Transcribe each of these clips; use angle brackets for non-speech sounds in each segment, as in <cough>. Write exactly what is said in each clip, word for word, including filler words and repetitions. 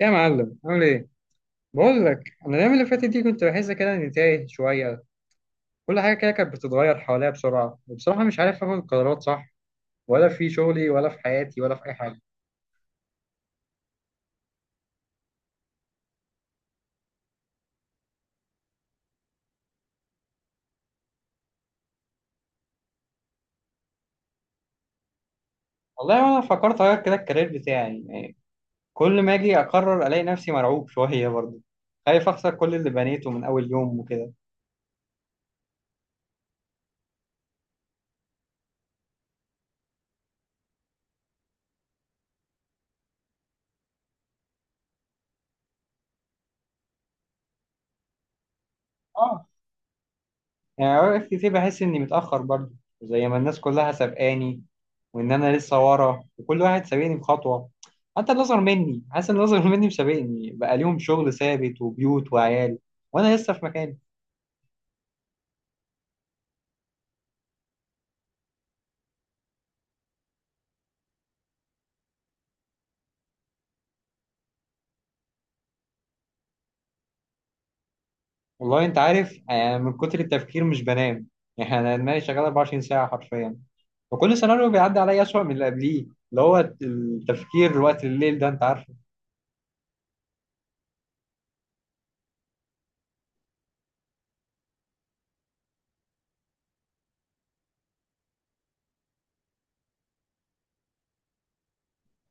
إيه يا معلم عامل ايه؟ بقول لك انا الايام اللي فاتت دي كنت بحس كده اني تايه شويه. كل حاجه كده كانت بتتغير حواليا بسرعه، وبصراحه مش عارف اخد قرارات صح، ولا في شغلي ولا في حياتي ولا في اي حاجه. والله انا فكرت اغير كده الكارير بتاعي يعني، كل ما اجي اقرر الاقي نفسي مرعوب شويه برضه، خايف اخسر كل اللي بنيته من اول يوم وكده. اه، يعني اوقات كتير بحس اني متأخر برضه، زي ما الناس كلها سابقاني، وان انا لسه ورا وكل واحد سابقني بخطوة. حتى اللي اصغر مني، حاسس ان اللي اصغر مني مسابقني، بقى ليهم شغل ثابت وبيوت وعيال، وانا لسه في مكاني. والله انت عارف، يعني من كتر التفكير مش بنام. يعني انا دماغي شغالة اربعة وعشرين ساعة حرفيا، وكل سيناريو بيعدي عليا اسوأ من اللي قبليه، اللي هو التفكير وقت الليل ده انت عارف.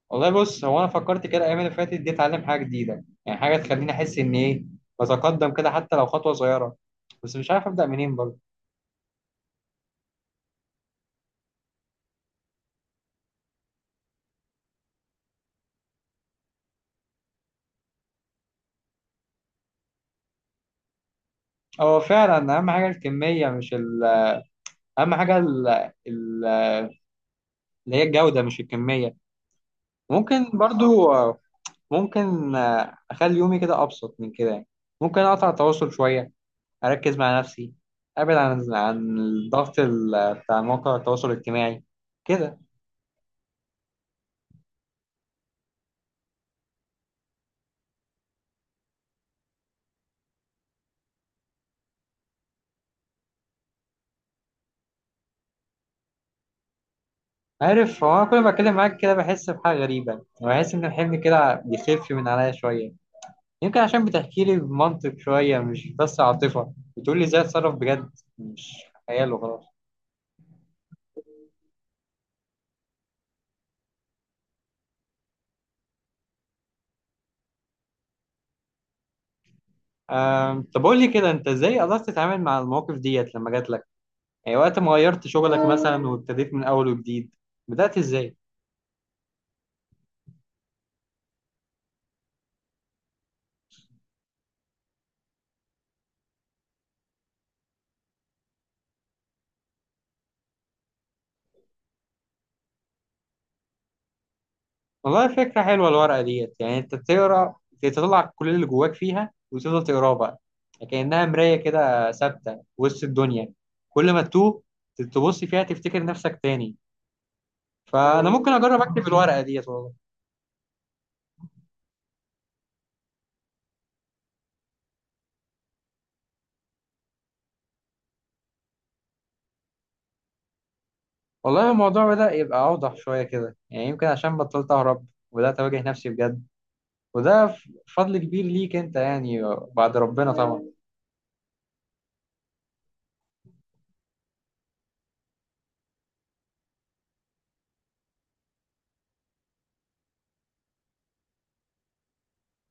والله بص، هو انا فكرت كده الايام اللي فاتت دي اتعلم حاجه جديده، يعني حاجه تخليني احس ان ايه، بتقدم كده حتى لو خطوه صغيره، بس مش عارف ابدا منين برضه. هو فعلا اهم حاجه الكميه مش ال... اهم حاجه ال... ال... اللي هي الجوده مش الكميه. ممكن برضو، ممكن اخلي يومي كده ابسط من كده يعني. ممكن اقطع التواصل شويه، اركز مع نفسي، ابعد عن عن الضغط ال... بتاع مواقع التواصل الاجتماعي كده. عارف هو أنا كل ما أتكلم معاك كده بحس بحاجة غريبة، وبحس إن الحمل كده بيخف من عليا شوية. يمكن عشان بتحكي لي بمنطق شوية مش بس عاطفة، بتقول لي إزاي أتصرف بجد، مش خيال وخلاص. أم، طب قول لي كده أنت إزاي قدرت تتعامل مع المواقف ديت لما جات لك؟ يعني وقت ما غيرت شغلك مثلا وابتديت من أول وجديد، بدأت إزاي؟ والله فكرة حلوة الورقة ديت، يعني انت بتقرا تطلع كل اللي جواك فيها وتفضل تقراه بقى، كأنها مراية كده ثابتة وسط الدنيا، كل ما تتوه تبص فيها تفتكر نفسك تاني. فأنا ممكن أجرب أكتب الورقة ديت والله. والله الموضوع بدأ يبقى أوضح شوية كده، يعني يمكن عشان بطلت أهرب وبدأت أواجه نفسي بجد. وده ف- فضل كبير ليك أنت يعني، بعد ربنا طبعا.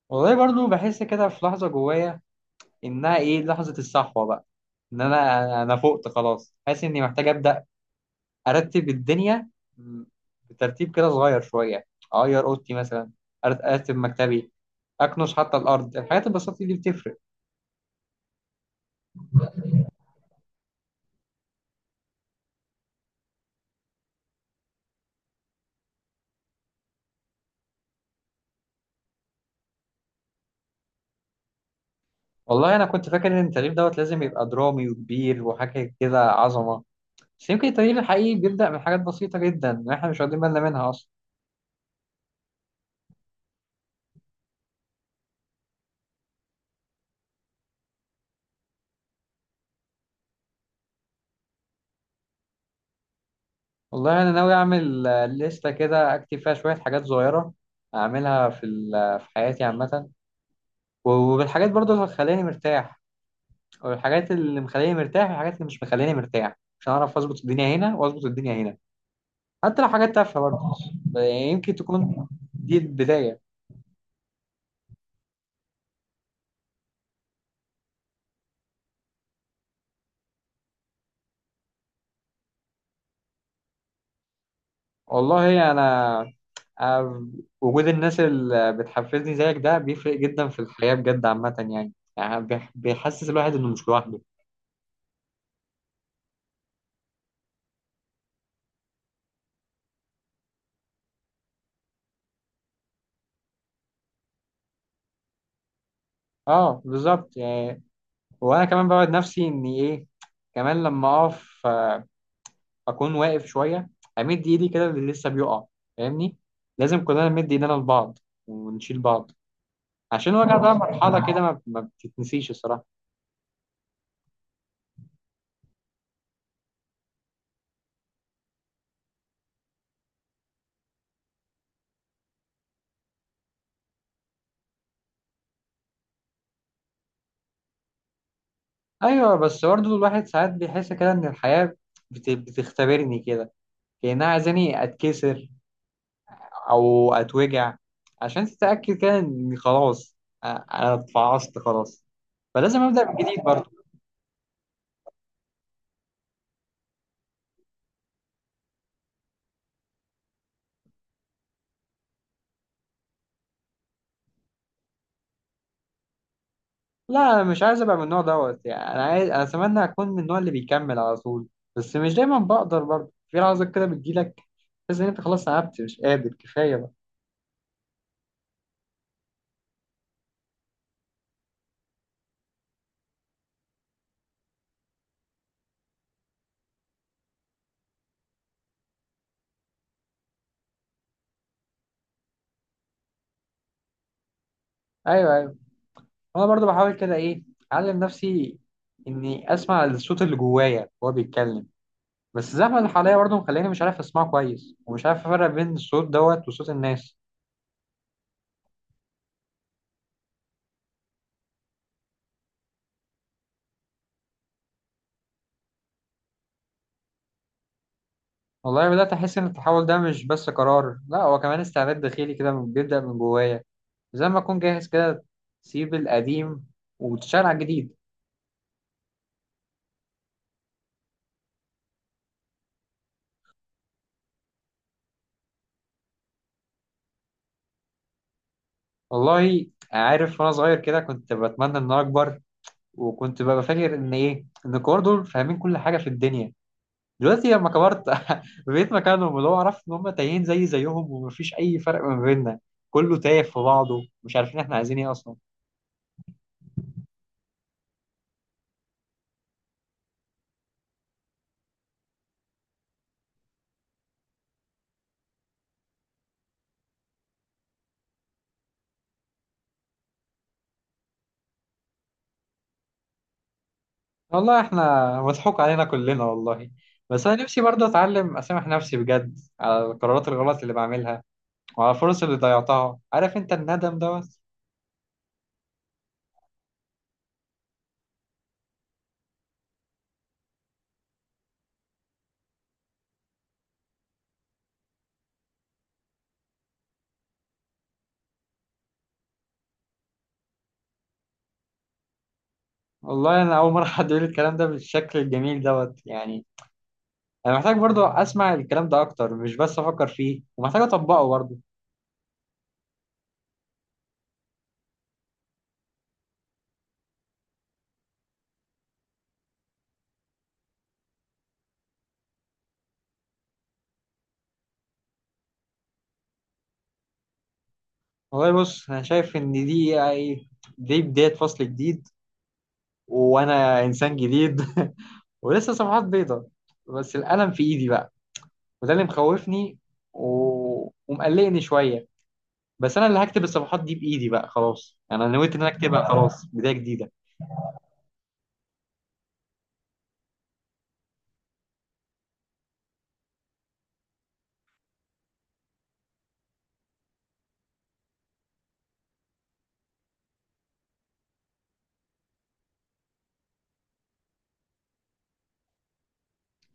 والله برضو بحس كده في لحظة جوايا، إنها إيه لحظة الصحوة بقى. ان انا انا فقت خلاص، حاسس اني محتاج ابدا ارتب الدنيا، بترتيب كده صغير شويه. اغير اوضتي مثلا، أرت- ارتب مكتبي، اكنس حتى الارض. الحاجات البسيطه دي بتفرق. والله انا كنت فاكر ان التغيير دوت لازم يبقى درامي وكبير وحاجه كده عظمه، بس يمكن التغيير الحقيقي بيبدا من حاجات بسيطه جدا احنا مش واخدين بالنا منها اصلا. والله انا ناوي اعمل آه، لستة كده اكتب فيها شويه حاجات صغيره، اعملها في ال- في حياتي عامه. وبالحاجات برضو اللي هتخليني مرتاح، والحاجات اللي مخليني مرتاح والحاجات اللي مش مخليني مرتاح، عشان اعرف اظبط الدنيا هنا واظبط الدنيا هنا، حتى لو حاجات تافهه برضه. ب- يمكن تكون دي البدايه. والله انا أنا وجود الناس اللي بتحفزني زيك ده بيفرق جدا في الحياه بجد عامه يعني، يعني بيح- بيحسس الواحد انه مش لوحده. اه بالظبط يعني، وانا كمان بوعد نفسي اني ايه، كمان لما اقف اكون واقف شويه، امد ايدي كده اللي لسه بيقع، فاهمني. لازم كلنا نمد ايدينا لبعض ونشيل بعض، عشان الوجع ده مرحله كده ما ما بتتنسيش الصراحه. ايوه، بس برضه الواحد ساعات بيحس كده ان الحياه بت- بتختبرني كده، كانها عايزاني اتكسر او اتوجع، عشان تتاكد كده اني خلاص، أ- انا اتفعصت خلاص، فلازم ابدا من جديد برضه. لا، انا مش عايز ابقى من النوع دوت يعني، انا عايز، انا اتمنى اكون من النوع اللي بيكمل على طول. بس مش دايما بقدر برضه، في لحظات كده بتجيلك بس ان انت خلاص تعبت، مش قادر كفايه بقى. ايوه ايوه، انا برضه بحاول كده ايه، اعلم نفسي اني اسمع الصوت اللي جوايا وهو بيتكلم، بس الزحمه اللي حواليا برضه مخليني مش عارف اسمعه كويس، ومش عارف افرق بين الصوت دوت وصوت الناس. والله بدات احس ان التحول ده مش بس قرار، لا هو كمان استعداد داخلي كده بيبدا من جوايا، زي ما اكون جاهز كده تسيب القديم وتشتغل على الجديد. والله عارف، وانا صغير كده كنت بتمنى ان انا اكبر، وكنت ببقى فاكر ان ايه، ان الكبار دول فاهمين كل حاجه في الدنيا. دلوقتي لما كبرت <laughs> بقيت مكانهم، اللي هو عرفت ان هم تايهين زي زيهم ومفيش اي فرق ما بيننا، كله تايه في بعضه مش عارفين احنا عايزين ايه اصلا. والله احنا مضحوك علينا كلنا والله. بس انا نفسي برضه اتعلم اسامح نفسي بجد على القرارات الغلط اللي بعملها، وعلى الفرص اللي ضيعتها، عارف انت الندم دوت. والله انا اول مره حد يقول الكلام ده بالشكل الجميل دوت يعني. انا محتاج برضو اسمع الكلام ده اكتر، مش بس افكر فيه، ومحتاج اطبقه برضو. والله بص، انا شايف ان دي، دي بدايه فصل جديد، وانا انسان جديد <laughs> ولسه صفحات بيضاء، بس القلم في ايدي بقى، وده اللي مخوفني و... ومقلقني شويه. بس انا اللي هكتب الصفحات دي بايدي بقى خلاص، يعني انا نويت ان انا اكتبها، خلاص بدايه جديده.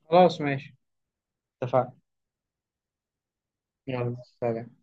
خلاص ماشي، اتفقنا. يلا سلام.